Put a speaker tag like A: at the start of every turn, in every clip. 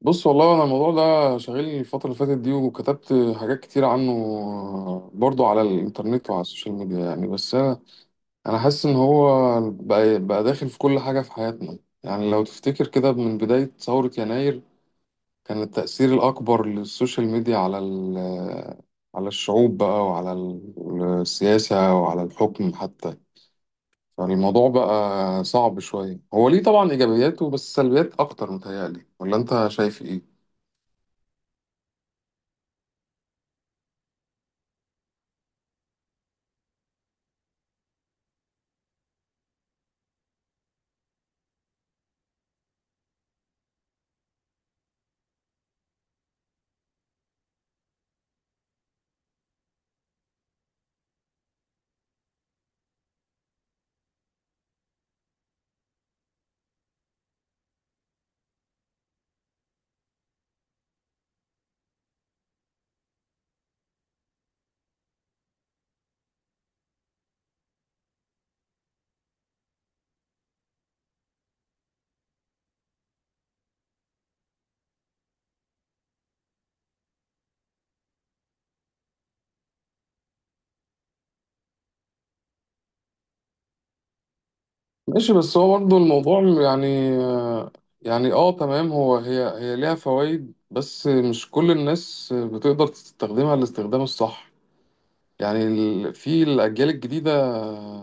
A: بص والله انا الموضوع ده شاغلني الفترة اللي فاتت دي، وكتبت حاجات كتير عنه برضو على الانترنت وعلى السوشيال ميديا يعني. بس انا حاسس ان هو بقى داخل في كل حاجة في حياتنا. يعني لو تفتكر كده من بداية ثورة يناير، كان التأثير الأكبر للسوشيال ميديا على على الشعوب بقى، وعلى السياسة وعلى الحكم حتى. فالموضوع بقى صعب شوية، هو ليه طبعا إيجابياته بس سلبيات أكتر متهيألي، ولا أنت شايف إيه؟ ماشي، بس هو برضه الموضوع يعني. يعني اه تمام، هو هي ليها فوائد بس مش كل الناس بتقدر تستخدمها الاستخدام الصح. يعني في الأجيال الجديدة،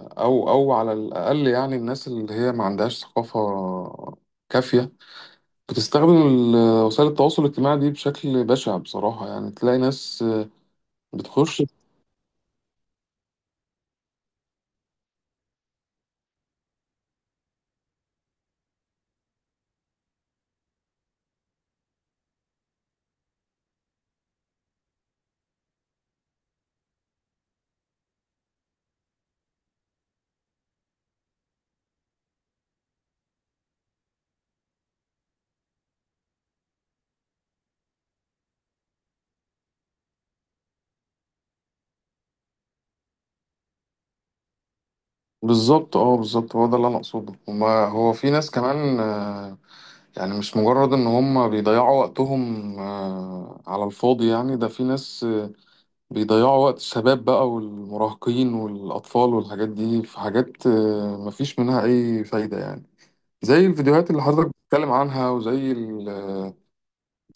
A: أو على الأقل يعني الناس اللي هي ما عندهاش ثقافة كافية، بتستخدم وسائل التواصل الاجتماعي دي بشكل بشع بصراحة. يعني تلاقي ناس بتخش. بالظبط، اه بالظبط، هو ده اللي أنا أقصده. وما هو في ناس كمان يعني مش مجرد ان هم بيضيعوا وقتهم على الفاضي. يعني ده في ناس بيضيعوا وقت الشباب بقى والمراهقين والاطفال والحاجات دي في حاجات مفيش منها اي فايدة يعني. زي الفيديوهات اللي حضرتك بتتكلم عنها، وزي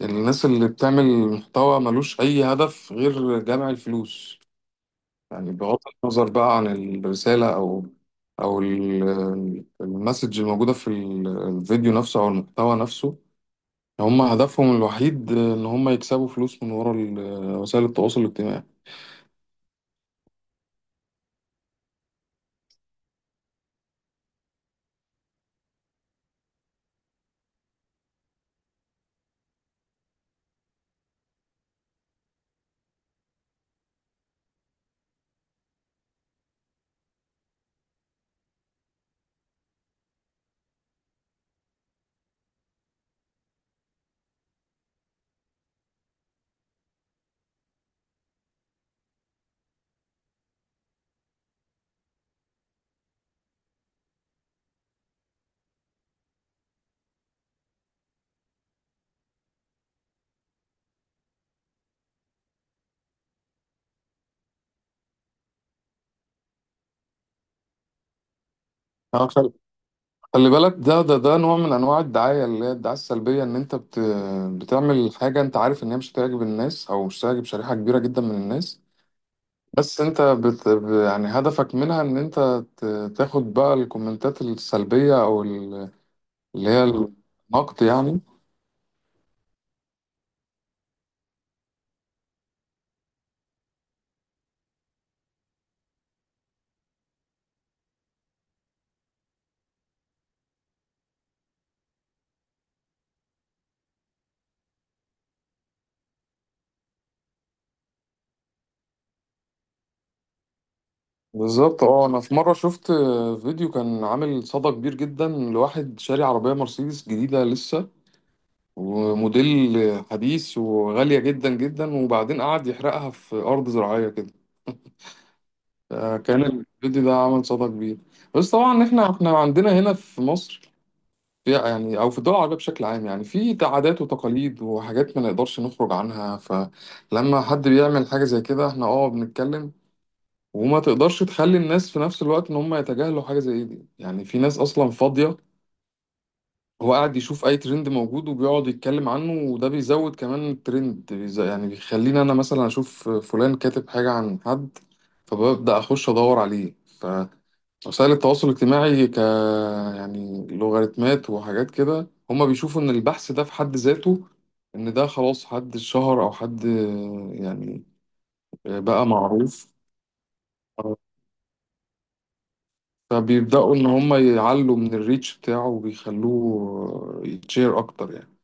A: الناس اللي بتعمل محتوى ملوش اي هدف غير جمع الفلوس. يعني بغض النظر بقى عن الرسالة، او او المسج الموجودة في الفيديو نفسه او المحتوى نفسه. هم هدفهم الوحيد ان هم يكسبوا فلوس من ورا وسائل التواصل الاجتماعي. آه، خل- خلي بالك، ده نوع من انواع الدعايه اللي هي الدعايه السلبيه. ان انت بتعمل حاجه انت عارف ان هي مش هتعجب الناس، او مش هتعجب شريحه كبيره جدا من الناس. بس انت يعني هدفك منها ان انت تاخد بقى الكومنتات السلبيه، او اللي هي النقد يعني. بالظبط، اه انا في مره شفت فيديو كان عامل صدى كبير جدا، لواحد شاري عربيه مرسيدس جديده لسه وموديل حديث، وغالية جدا جدا، وبعدين قعد يحرقها في أرض زراعية كده. فكان الفيديو ده عمل صدى كبير. بس طبعا احنا عندنا هنا في مصر في- يعني او في الدول العربية بشكل عام، يعني في عادات وتقاليد وحاجات ما نقدرش نخرج عنها. فلما حد بيعمل حاجة زي كده احنا اه بنتكلم. وما تقدرش تخلي الناس في نفس الوقت ان هم يتجاهلوا حاجة زي دي. يعني في ناس اصلا فاضية، هو قاعد يشوف اي ترند موجود وبيقعد يتكلم عنه، وده بيزود كمان الترند يعني بيخليني انا مثلا اشوف فلان كاتب حاجة عن حد، فببدأ اخش ادور عليه. فوسائل التواصل الاجتماعي يعني لوغاريتمات وحاجات كده، هما بيشوفوا ان البحث ده في حد ذاته، ان ده خلاص حد شهر او حد يعني بقى معروف. فبيبدأوا ان هما يعلوا من الريتش بتاعه وبيخلوه يتشير اكتر يعني.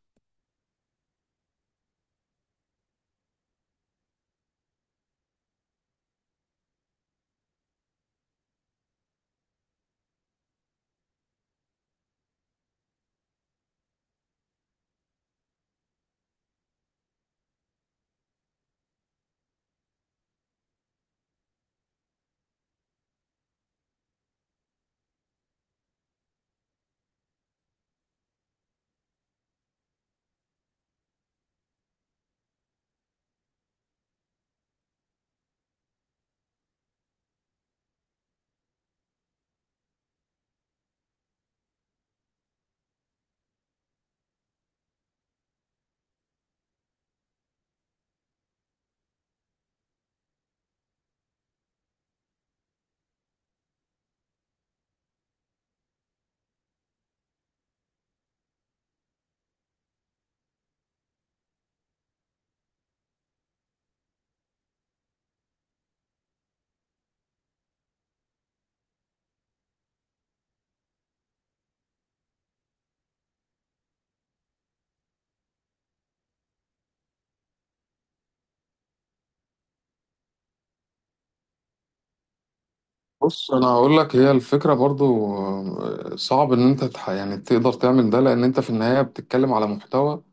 A: بص انا هقول لك، هي الفكره برضو صعب ان انت يعني تقدر تعمل ده، لان انت في النهايه بتتكلم على محتوى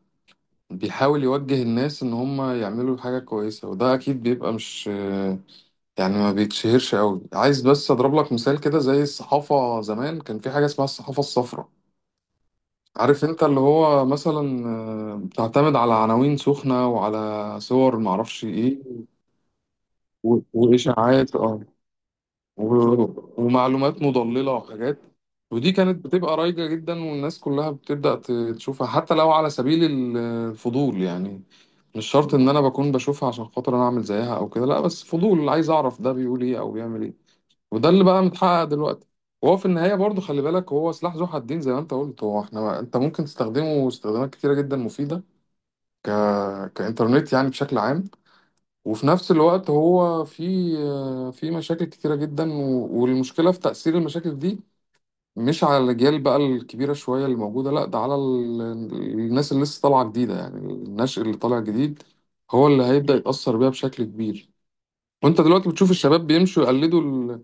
A: بيحاول يوجه الناس ان هم يعملوا حاجه كويسه، وده اكيد بيبقى مش يعني ما بيتشهرش قوي. عايز بس اضرب لك مثال كده، زي الصحافه زمان كان في حاجه اسمها الصحافه الصفراء، عارف، انت اللي هو مثلا بتعتمد على عناوين سخنه وعلى صور معرفش ايه، واشاعات اه، ومعلومات مضللة وحاجات. ودي كانت بتبقى رايجة جدا، والناس كلها بتبدأ تشوفها حتى لو على سبيل الفضول يعني. مش شرط ان انا بكون بشوفها عشان خاطر انا اعمل زيها او كده، لا بس فضول عايز اعرف ده بيقول ايه او بيعمل ايه. وده اللي بقى متحقق دلوقتي. وهو في النهاية برضو خلي بالك، هو سلاح ذو حدين زي ما انت قلت. هو احنا انت ممكن تستخدمه استخدامات كتيرة جدا مفيدة، ك... كإنترنت يعني بشكل عام. وفي نفس الوقت هو في في مشاكل كتيرة جدا، والمشكلة في تأثير المشاكل دي مش على الأجيال بقى الكبيرة شوية اللي موجودة، لأ ده على الناس اللي لسه طالعة جديدة، يعني النشء اللي طالع جديد هو اللي هيبدأ يتأثر بيها بشكل كبير. وأنت دلوقتي بتشوف الشباب بيمشوا يقلدوا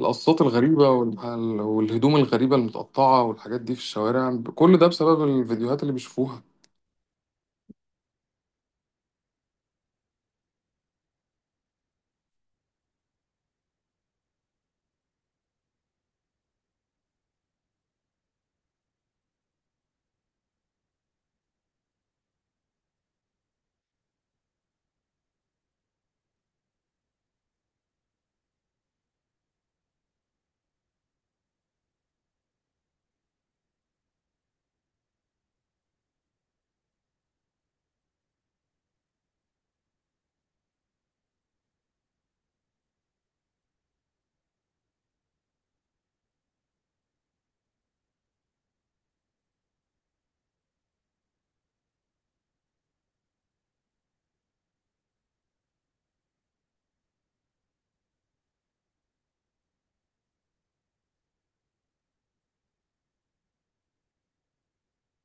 A: القصات الغريبة، والهدوم الغريبة المتقطعة والحاجات دي في الشوارع. كل ده بسبب الفيديوهات اللي بيشوفوها.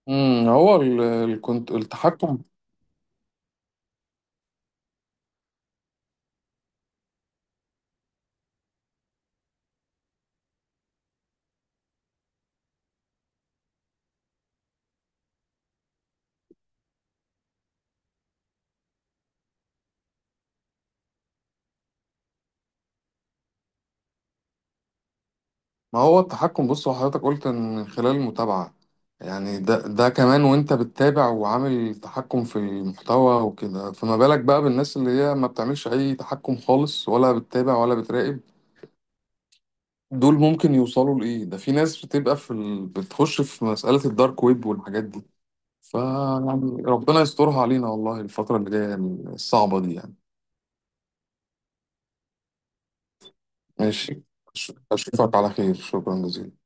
A: التحكم. ما هو التحكم، بص هو حضرتك قلت ان من خلال المتابعة، يعني ده كمان وانت بتتابع وعامل تحكم في المحتوى وكده، فما بالك بقى بالناس اللي هي ما بتعملش اي تحكم خالص، ولا بتتابع ولا بتراقب؟ دول ممكن يوصلوا لايه؟ ده في ناس بتبقى في ال... بتخش في مسألة الدارك ويب والحاجات دي. فيعني ربنا يسترها علينا والله الفترة اللي جاية الصعبة دي يعني. ماشي، اشوفك على خير، شكرا جزيلا.